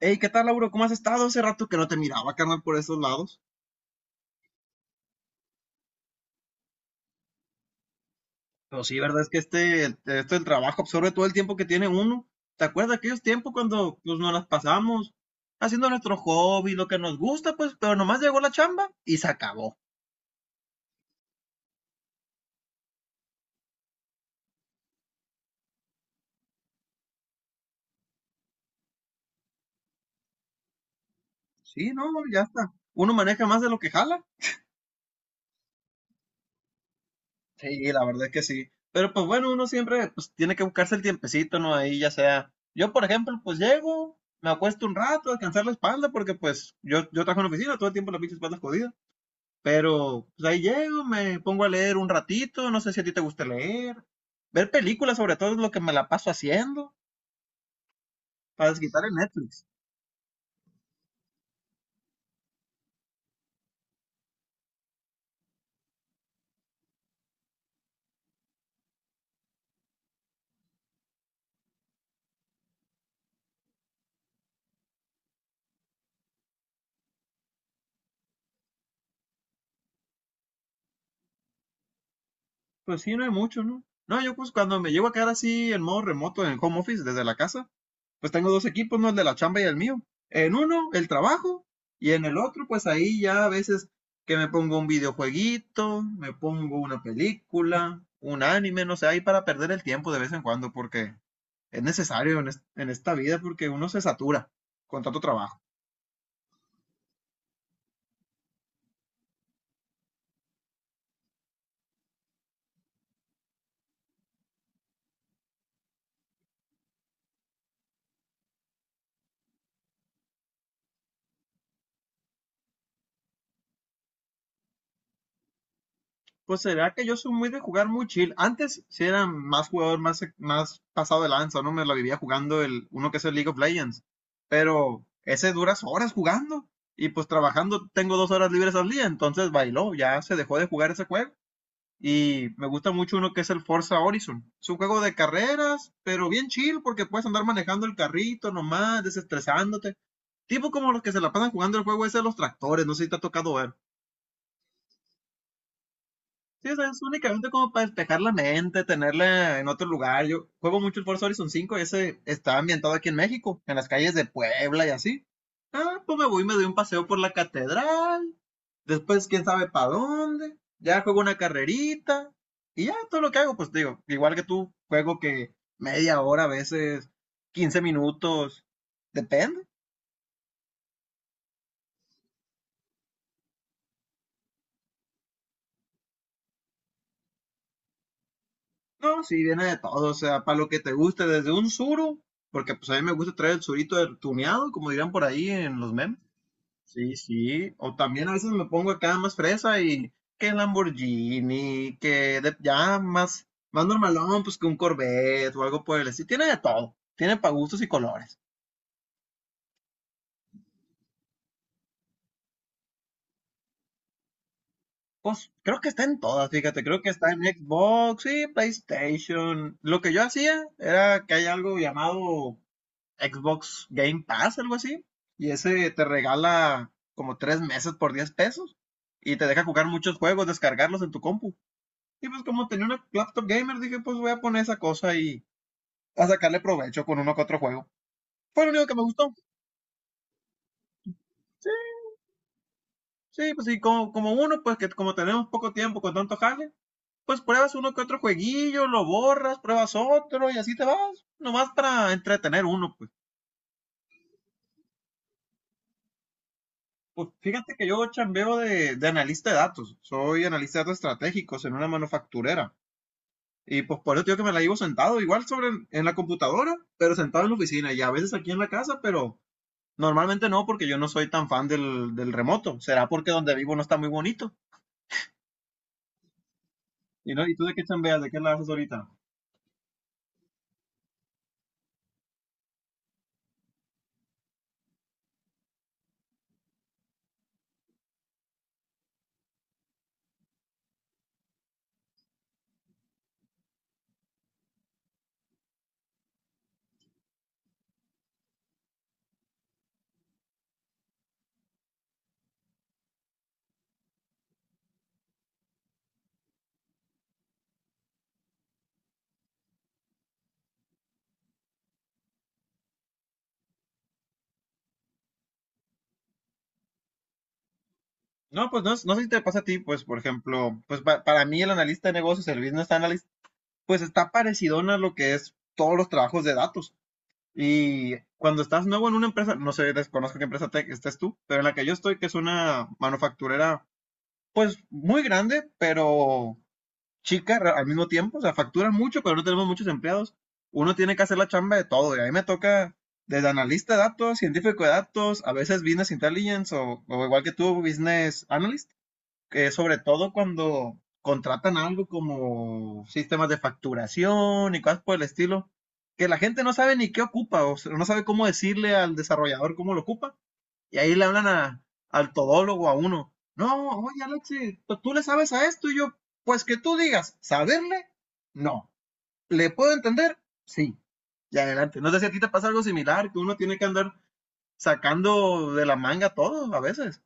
Hey, ¿qué tal, Lauro? ¿Cómo has estado? Hace rato que no te miraba, carnal, por esos lados. Pero sí, verdad es que este el trabajo absorbe todo el tiempo que tiene uno. ¿Te acuerdas de aquellos tiempos cuando pues, nos las pasamos haciendo nuestro hobby, lo que nos gusta, pues, pero nomás llegó la chamba y se acabó? Sí, no, ya está. Uno maneja más de lo que jala. Sí, la verdad es que sí. Pero pues bueno, uno siempre pues tiene que buscarse el tiempecito, ¿no? Ahí ya sea. Yo, por ejemplo, pues llego, me acuesto un rato a descansar la espalda porque pues yo trabajo en oficina, todo el tiempo la pinche espalda es jodida. Pero pues ahí llego, me pongo a leer un ratito, no sé si a ti te gusta leer. Ver películas sobre todo es lo que me la paso haciendo para desquitar en Netflix. Pues sí, no hay mucho, ¿no? No, yo pues cuando me llego a quedar así en modo remoto en home office desde la casa, pues tengo dos equipos, ¿no? El de la chamba y el mío. En uno, el trabajo, y en el otro, pues ahí ya a veces que me pongo un videojueguito, me pongo una película, un anime, no sé, ahí para perder el tiempo de vez en cuando, porque es necesario en esta vida porque uno se satura con tanto trabajo. Pues será que yo soy muy de jugar muy chill. Antes sí era más jugador, más pasado de lanza, ¿no? Me la vivía jugando uno que es el League of Legends. Pero ese duras horas jugando. Y pues trabajando tengo 2 horas libres al día, entonces bailó, ya se dejó de jugar ese juego. Y me gusta mucho uno que es el Forza Horizon. Es un juego de carreras, pero bien chill porque puedes andar manejando el carrito nomás, desestresándote. Tipo como los que se la pasan jugando el juego ese de los tractores, no sé si te ha tocado ver. Sí, o sea, es únicamente como para despejar la mente, tenerla en otro lugar. Yo juego mucho el Forza Horizon 5. Ese está ambientado aquí en México, en las calles de Puebla y así. Ah, pues me voy y me doy un paseo por la catedral. Después, quién sabe para dónde. Ya juego una carrerita. Y ya todo lo que hago, pues digo, igual que tú, juego que media hora a veces, 15 minutos, depende. No, sí, viene de todo, o sea, para lo que te guste, desde un suru, porque pues a mí me gusta traer el surito del tuneado, como dirán por ahí en los memes. Sí, sí, o también a veces me pongo acá más fresa y que Lamborghini, ya más normalón, pues que un Corvette o algo por el estilo. Tiene de todo, tiene para gustos y colores. Pues creo que está en todas, fíjate, creo que está en Xbox y PlayStation. Lo que yo hacía era que hay algo llamado Xbox Game Pass, algo así. Y ese te regala como 3 meses por 10 pesos. Y te deja jugar muchos juegos, descargarlos en tu compu. Y pues como tenía una laptop gamer, dije, pues voy a poner esa cosa y a sacarle provecho con uno que otro juego. Fue lo único que me gustó. Sí, sí, pues sí, como uno, pues que como tenemos poco tiempo con tanto jale, pues pruebas uno que otro jueguillo, lo borras, pruebas otro y así te vas. Nomás para entretener uno, pues. Pues fíjate que yo chambeo de analista de datos, soy analista de datos estratégicos en una manufacturera. Y pues por eso te digo que me la llevo sentado, igual sobre en la computadora, pero sentado en la oficina y a veces aquí en la casa, pero normalmente no, porque yo no soy tan fan del remoto. Será porque donde vivo no está muy bonito. ¿Y, no? ¿Y tú de qué chambeas? ¿De qué la haces ahorita? No, pues no, no sé si te pasa a ti, pues por ejemplo, pues para mí el analista de negocios, el business analyst, pues está parecido a lo que es todos los trabajos de datos. Y cuando estás nuevo en una empresa, no sé, desconozco qué empresa estés tú, pero en la que yo estoy, que es una manufacturera, pues muy grande, pero chica al mismo tiempo, o sea, factura mucho, pero no tenemos muchos empleados. Uno tiene que hacer la chamba de todo, y a mí me toca desde analista de datos, científico de datos, a veces business intelligence o igual que tú, business analyst, sobre todo cuando contratan algo como sistemas de facturación y cosas por el estilo, que la gente no sabe ni qué ocupa, o sea, no sabe cómo decirle al desarrollador cómo lo ocupa, y ahí le hablan al todólogo, a uno, no, oye Alexi, tú le sabes a esto, y yo, pues que tú digas, ¿saberle? No. ¿Le puedo entender? Sí. Y adelante. No sé si a ti te pasa algo similar, que uno tiene que andar sacando de la manga todo a veces.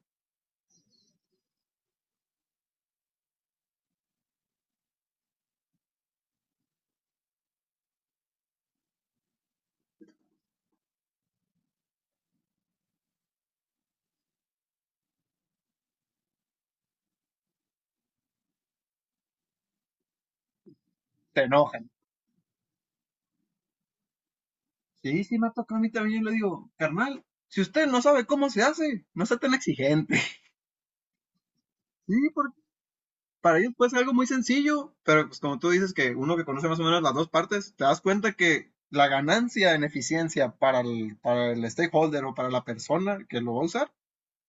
Te enoja. Sí, sí me ha tocado a mí también, le digo, carnal, si usted no sabe cómo se hace, no sea tan exigente. Sí, porque para ellos puede ser algo muy sencillo, pero pues como tú dices que uno que conoce más o menos las dos partes, te das cuenta que la ganancia en eficiencia para el stakeholder o para la persona que lo va a usar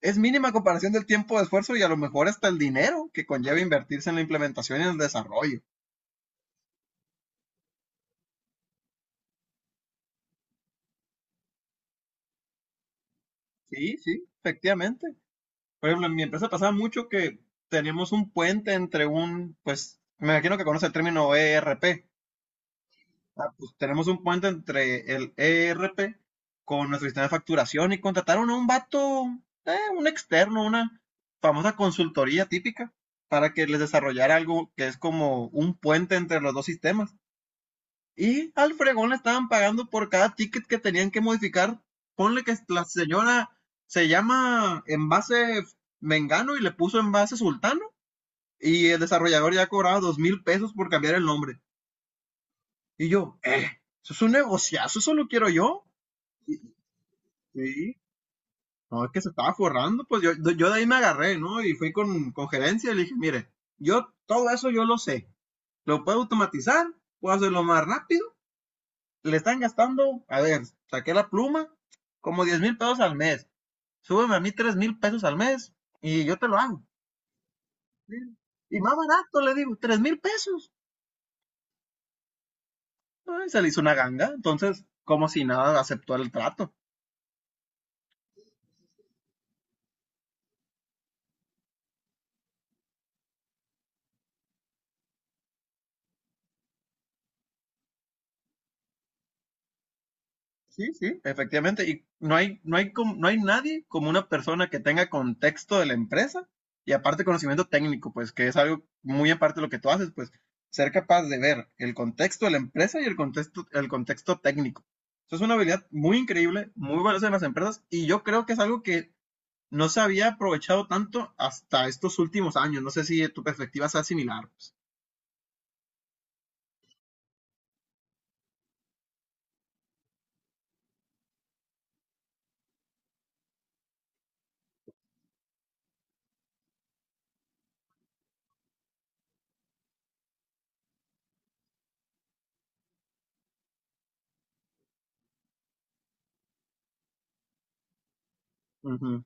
es mínima a comparación del tiempo de esfuerzo y a lo mejor hasta el dinero que conlleva invertirse en la implementación y en el desarrollo. Sí, sí, efectivamente. Por ejemplo, en mi empresa pasaba mucho que tenemos un puente entre pues, me imagino que conoce el término ERP. Ah, pues, tenemos un puente entre el ERP con nuestro sistema de facturación y contrataron a un vato, un externo, una famosa consultoría típica para que les desarrollara algo que es como un puente entre los dos sistemas. Y al fregón le estaban pagando por cada ticket que tenían que modificar. Ponle que la señora se llama envase Mengano y le puso envase Sultano. Y el desarrollador ya cobraba 2,000 pesos por cambiar el nombre. Y yo, eso es un negociazo, eso lo quiero yo. Sí, no, es que se estaba forrando, pues yo de ahí me agarré, ¿no? Y fui con gerencia y le dije, mire, yo todo eso yo lo sé. Lo puedo automatizar, puedo hacerlo más rápido, le están gastando, a ver, saqué la pluma, como 10,000 pesos al mes. Súbeme a mí 3,000 pesos al mes y yo te lo hago. Y más barato, le digo, 3,000 pesos. Se le hizo una ganga, entonces, como si nada, aceptó el trato. Sí, sí, efectivamente. Y no hay nadie como una persona que tenga contexto de la empresa y aparte conocimiento técnico, pues que es algo muy aparte de lo que tú haces, pues ser capaz de ver el contexto de la empresa y el contexto técnico. Eso es una habilidad muy increíble, muy valiosa en las empresas y yo creo que es algo que no se había aprovechado tanto hasta estos últimos años. No sé si tu perspectiva sea similar. Pues. Ujú.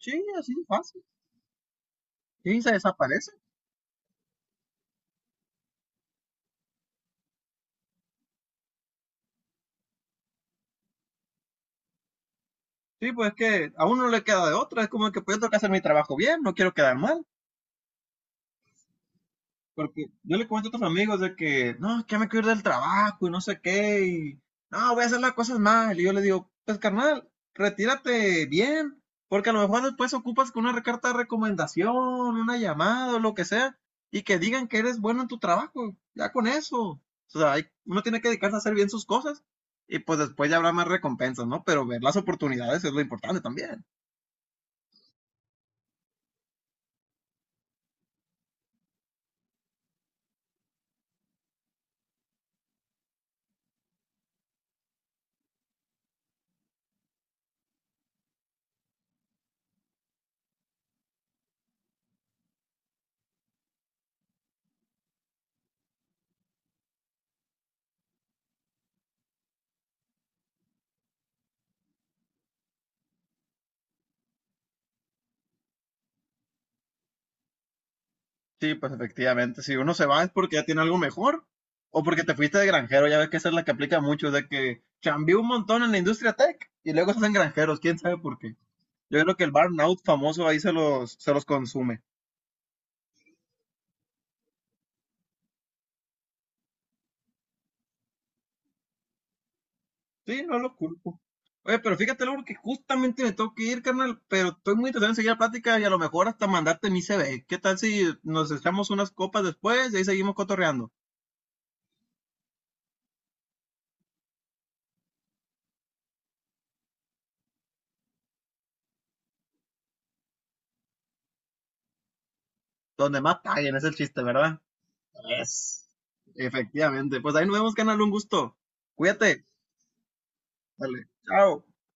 Sí, así de fácil. Sí, se desaparece. Sí, pues es que a uno no le queda de otra, es como que pues yo tengo que hacer mi trabajo bien, no quiero quedar mal, porque yo le comento a otros amigos de que, no, es que ya me quiero ir del trabajo y no sé qué, y no, voy a hacer las cosas mal, y yo le digo, pues carnal, retírate bien, porque a lo mejor después ocupas con una carta de recomendación, una llamada o lo que sea, y que digan que eres bueno en tu trabajo, ya con eso, o sea, uno tiene que dedicarse a hacer bien sus cosas, y pues después ya habrá más recompensas, ¿no? Pero ver las oportunidades es lo importante también. Sí, pues efectivamente, si uno se va es porque ya tiene algo mejor o porque te fuiste de granjero, ya ves que esa es la que aplica mucho, de que chambió un montón en la industria tech y luego se hacen granjeros, quién sabe por qué. Yo creo que el burnout famoso ahí se los consume. Sí, no lo culpo. Oye, pero fíjate, Laura, que justamente me tengo que ir, carnal, pero estoy muy interesado en seguir la plática y a lo mejor hasta mandarte mi CV. ¿Qué tal si nos echamos unas copas después y ahí seguimos cotorreando? Donde más paguen, es el chiste, ¿verdad? Es. Efectivamente. Pues ahí nos vemos, canal. Un gusto. Cuídate. Dale. Chao.